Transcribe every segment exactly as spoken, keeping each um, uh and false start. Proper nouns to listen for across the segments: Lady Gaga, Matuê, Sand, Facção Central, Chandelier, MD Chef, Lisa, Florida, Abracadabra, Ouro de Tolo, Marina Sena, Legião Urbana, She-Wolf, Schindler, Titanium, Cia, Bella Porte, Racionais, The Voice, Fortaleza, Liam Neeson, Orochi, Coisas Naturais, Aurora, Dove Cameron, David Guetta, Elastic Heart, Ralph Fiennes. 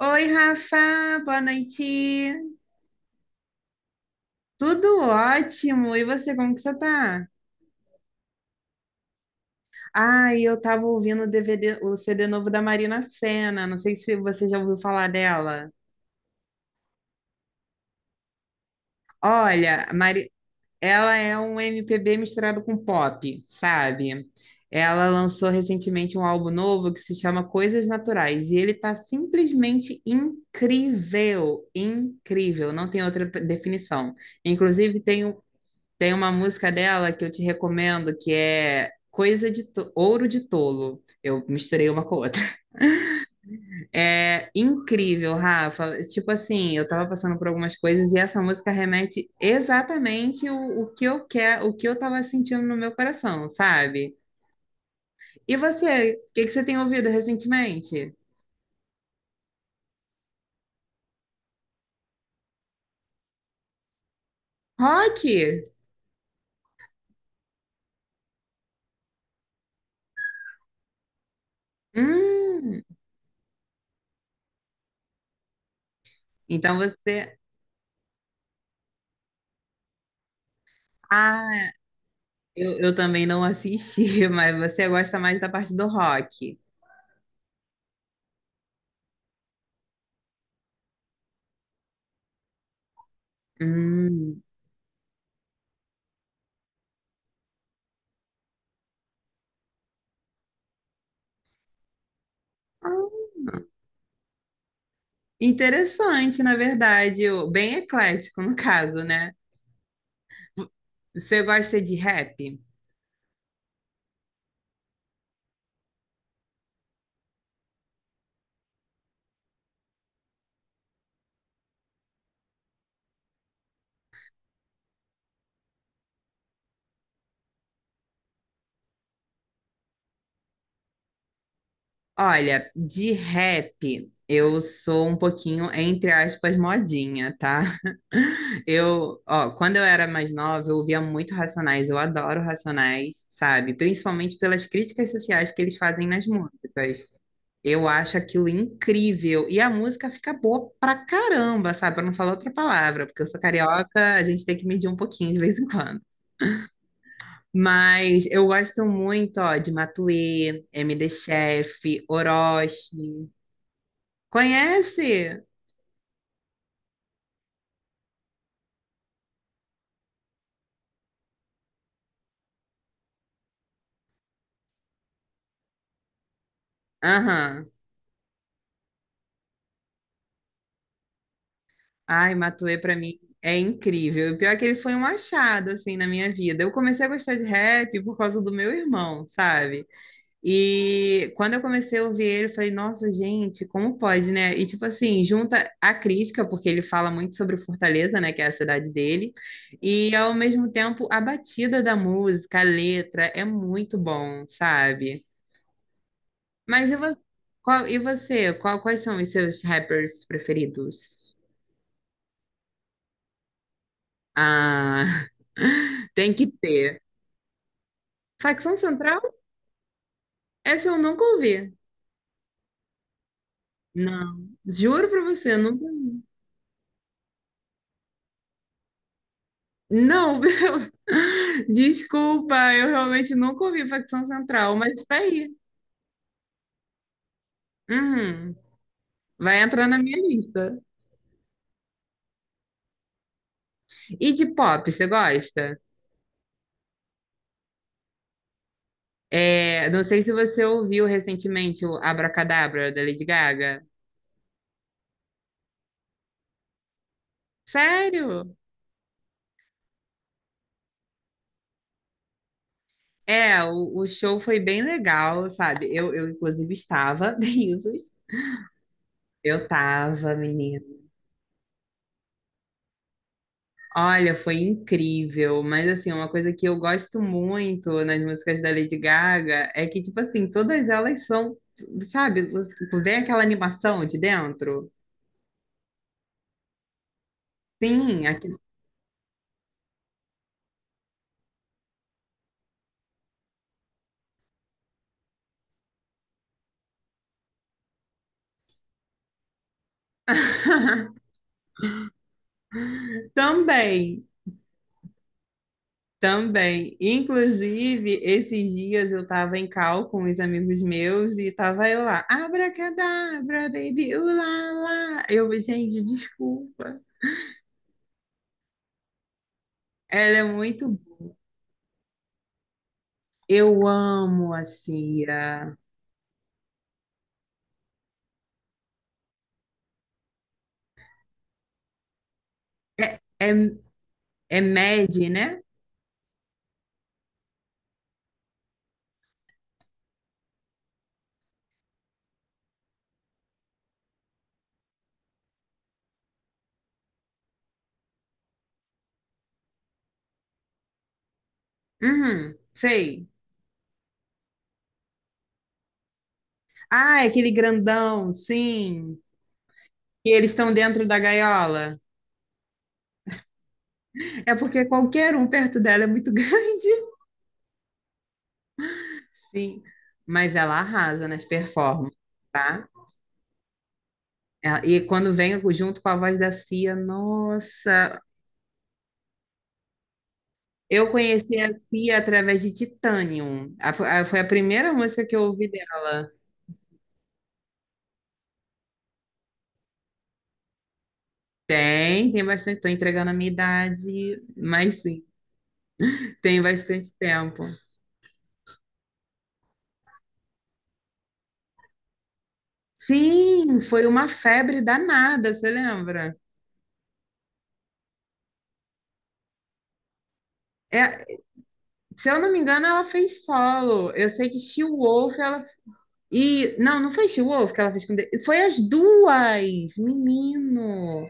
Oi, Rafa, boa noite. Tudo ótimo. E você, como que você tá? Ah, eu tava ouvindo o D V D, o C D novo da Marina Sena. Não sei se você já ouviu falar dela. Olha, a Mari... ela é um M P B misturado com pop, sabe? Ela lançou recentemente um álbum novo que se chama Coisas Naturais e ele tá simplesmente incrível, incrível, não tem outra definição. Inclusive, tem um. Tem uma música dela que eu te recomendo que é Coisa de to- Ouro de Tolo. Eu misturei uma com a outra. É incrível, Rafa. Tipo assim, eu tava passando por algumas coisas e essa música remete exatamente o, o que eu quero, o que eu tava sentindo no meu coração, sabe? E você, o que que você tem ouvido recentemente? Rock? Hum. Então você. Ah, eu, eu também não assisti, mas você gosta mais da parte do rock. Hum. Ah. Interessante, na verdade, o- bem eclético no caso, né? Você gosta de rap? Olha, de rap eu sou um pouquinho, entre aspas, modinha, tá? Eu, ó, quando eu era mais nova, eu ouvia muito Racionais, eu adoro Racionais, sabe? Principalmente pelas críticas sociais que eles fazem nas músicas. Eu acho aquilo incrível. E a música fica boa pra caramba, sabe? Pra não falar outra palavra, porque eu sou carioca, a gente tem que medir um pouquinho de vez em quando. Mas eu gosto muito, ó, de Matuê, M D Chef, Orochi. Conhece? Aham. Ai, Matuê pra mim é incrível. O pior é que ele foi um achado, assim, na minha vida. Eu comecei a gostar de rap por causa do meu irmão, sabe? E quando eu comecei a ouvir ele, eu falei, nossa, gente, como pode, né? E tipo assim, junta a crítica, porque ele fala muito sobre Fortaleza, né, que é a cidade dele, e ao mesmo tempo a batida da música, a letra, é muito bom, sabe? Mas e você, qual, e você? Qual- quais são os seus rappers preferidos? Ah, tem que ter. Facção Central? Essa eu nunca ouvi. Não, juro pra você, eu nunca. Não, desculpa, eu realmente nunca ouvi Facção Central, mas tá aí. Uhum. Vai entrar na minha lista. E de pop, você gosta? É, não sei se você ouviu recentemente o Abracadabra da Lady Gaga. Sério? É, o, o show foi bem legal, sabe? Eu, eu inclusive, estava, risos. Eu tava, menina. Olha, foi incrível, mas assim, uma coisa que eu gosto muito nas músicas da Lady Gaga é que, tipo assim, todas elas são, sabe, você- vem aquela animação de dentro? Sim, aqui... Também, também. Inclusive, esses dias eu tava em cal com os amigos meus e tava eu lá, abracadabra, baby, ulala. Eu, gente, desculpa. Ela é muito. Eu amo a Cia. É, é É Mad, né? Uhum, sei. Ah, é aquele grandão, sim. E eles estão dentro da gaiola. É porque qualquer um perto dela é muito grande. Sim, mas ela arrasa nas performances, tá? Ela- E quando vem junto com a voz da Cia, nossa, eu conheci a Cia através de Titanium. A- a- foi a primeira música que eu ouvi dela. Tem, tem bastante. Estou entregando a minha idade, mas sim, tem bastante tempo. Sim, foi uma febre danada, você lembra? É, se eu não me engano, ela fez solo. Eu sei que She-Wolf, ela. E, não, não foi She-Wolf que ela fez com. Da- Foi as duas! Menino!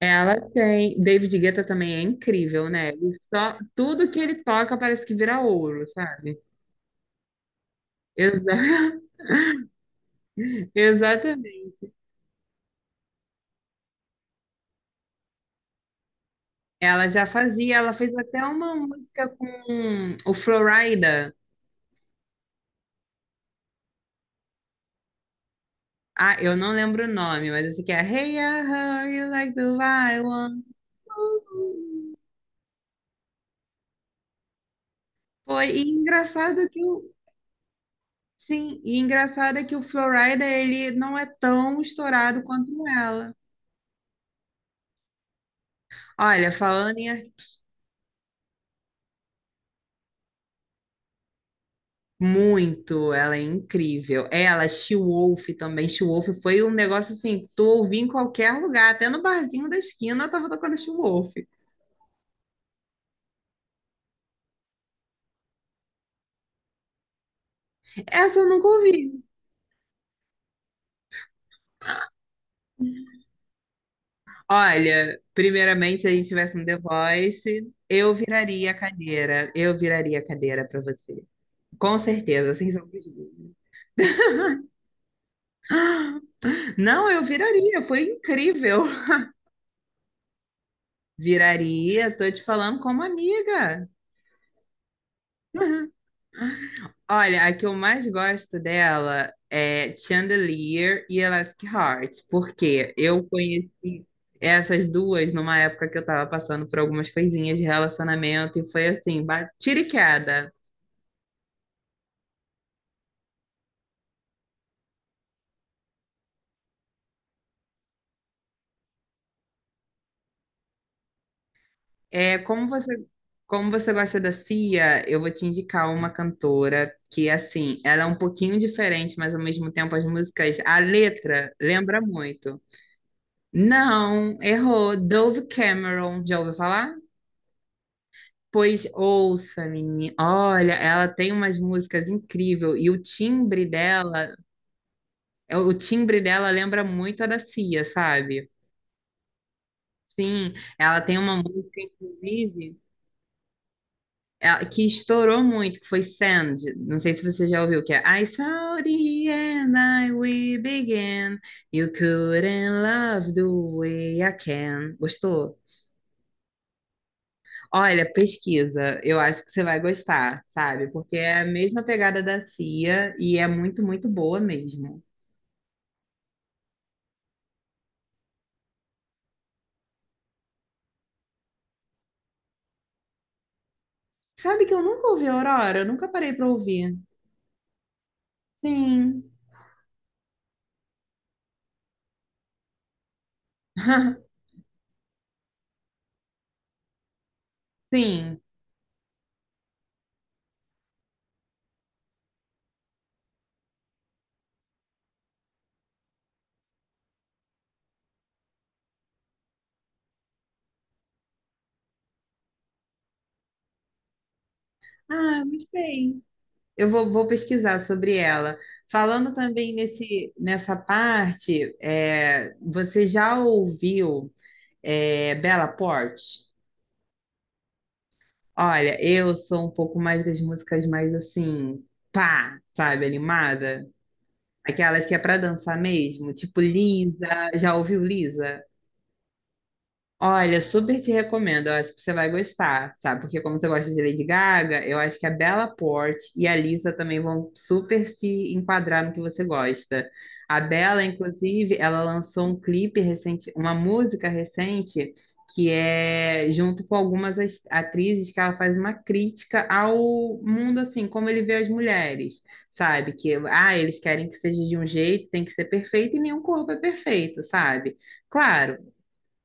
Ela tem. David Guetta também é incrível, né? Ele só... Tudo que ele toca parece que vira ouro, sabe? Exa- Exatamente. Ela já fazia, ela fez até uma música com o Florida. Ah, eu não lembro o nome, mas esse aqui é Hey, I heard you like the wild one. Foi e engraçado que o sim, e engraçado é que o Florida ele não é tão estourado quanto ela. Olha, falando em ar- muito, ela é incrível. Ela, She-Wolf também, She-Wolf foi um negócio assim, que tu ouvia em qualquer lugar, até no barzinho da esquina eu tava tocando She-Wolf. Essa eu nunca ouvi. Olha, primeiramente, se a gente tivesse um The Voice, eu viraria a cadeira. Eu viraria a cadeira para você. Com certeza, sem sombra de dúvida. Não, eu viraria, foi incrível. Viraria, tô te falando como amiga. Olha, a que eu mais gosto dela é Chandelier e Elastic Heart, porque eu conheci essas duas numa época que eu tava passando por algumas coisinhas de relacionamento e foi assim, ba- tiro e queda. É, como você, como você gosta da Cia, eu vou te indicar uma cantora que, assim, ela é um pouquinho diferente, mas ao mesmo tempo as músicas, a letra lembra muito. Não, errou. Dove Cameron, já ouviu falar? Pois ouça, menina. Olha, ela tem umas músicas incríveis e o timbre dela, é, o timbre dela lembra muito a da Cia, sabe? Sim, ela tem uma música, inclusive. É, que estourou muito, que foi Sand. Não sei se você já ouviu, que é I saw the end, I we began. You couldn't love the way I can. Gostou? Olha, pesquisa, eu acho que você vai gostar, sabe? Porque é a mesma pegada da Cia e é muito, muito boa mesmo. Sabe que eu nunca ouvi Aurora? Eu nunca parei pra ouvir. Sim. Sim. Ah, gostei. Eu vou, vou pesquisar sobre ela. Falando também nesse, nessa parte, é, você já ouviu é, Bella Porte? Olha, eu sou um pouco mais das músicas mais assim, pá, sabe, animada? Aquelas que é para dançar mesmo, tipo Lisa. Já ouviu Lisa? Olha, super te recomendo. Eu acho que você vai gostar, sabe? Porque como você gosta de Lady Gaga, eu acho que a Bella Porte e a Lisa também vão super se enquadrar no que você gosta. A Bella, inclusive, ela lançou um clipe recente, uma música recente, que é junto com algumas as- atrizes que ela faz uma crítica ao mundo, assim, como ele vê as mulheres, sabe? Que, ah, eles querem que seja de um jeito, tem que ser perfeito e nenhum corpo é perfeito, sabe? Claro,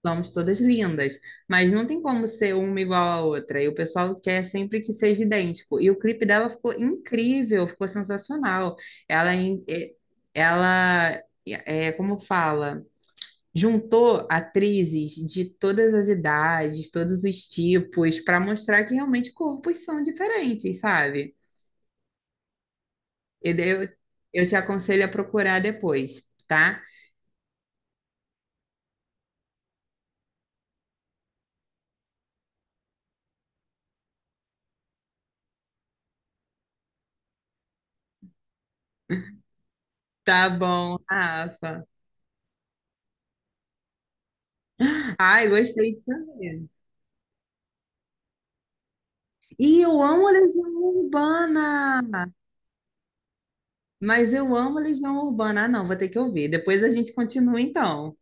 somos todas lindas, mas não tem como ser uma igual à outra. E o pessoal quer sempre que seja idêntico. E o clipe dela ficou incrível, ficou sensacional. Ela, em- eh, ela é, como fala, juntou atrizes de todas as idades, todos os tipos, para mostrar que realmente corpos são diferentes, sabe? E daí eu, eu te aconselho a procurar depois, tá? Tá bom, Rafa. Ai, gostei também. E eu amo Legião Urbana, mas eu amo Legião Urbana. Ah, não, vou ter que ouvir. Depois a gente continua então.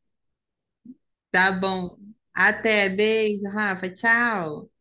Tá bom. Até, beijo, Rafa, tchau.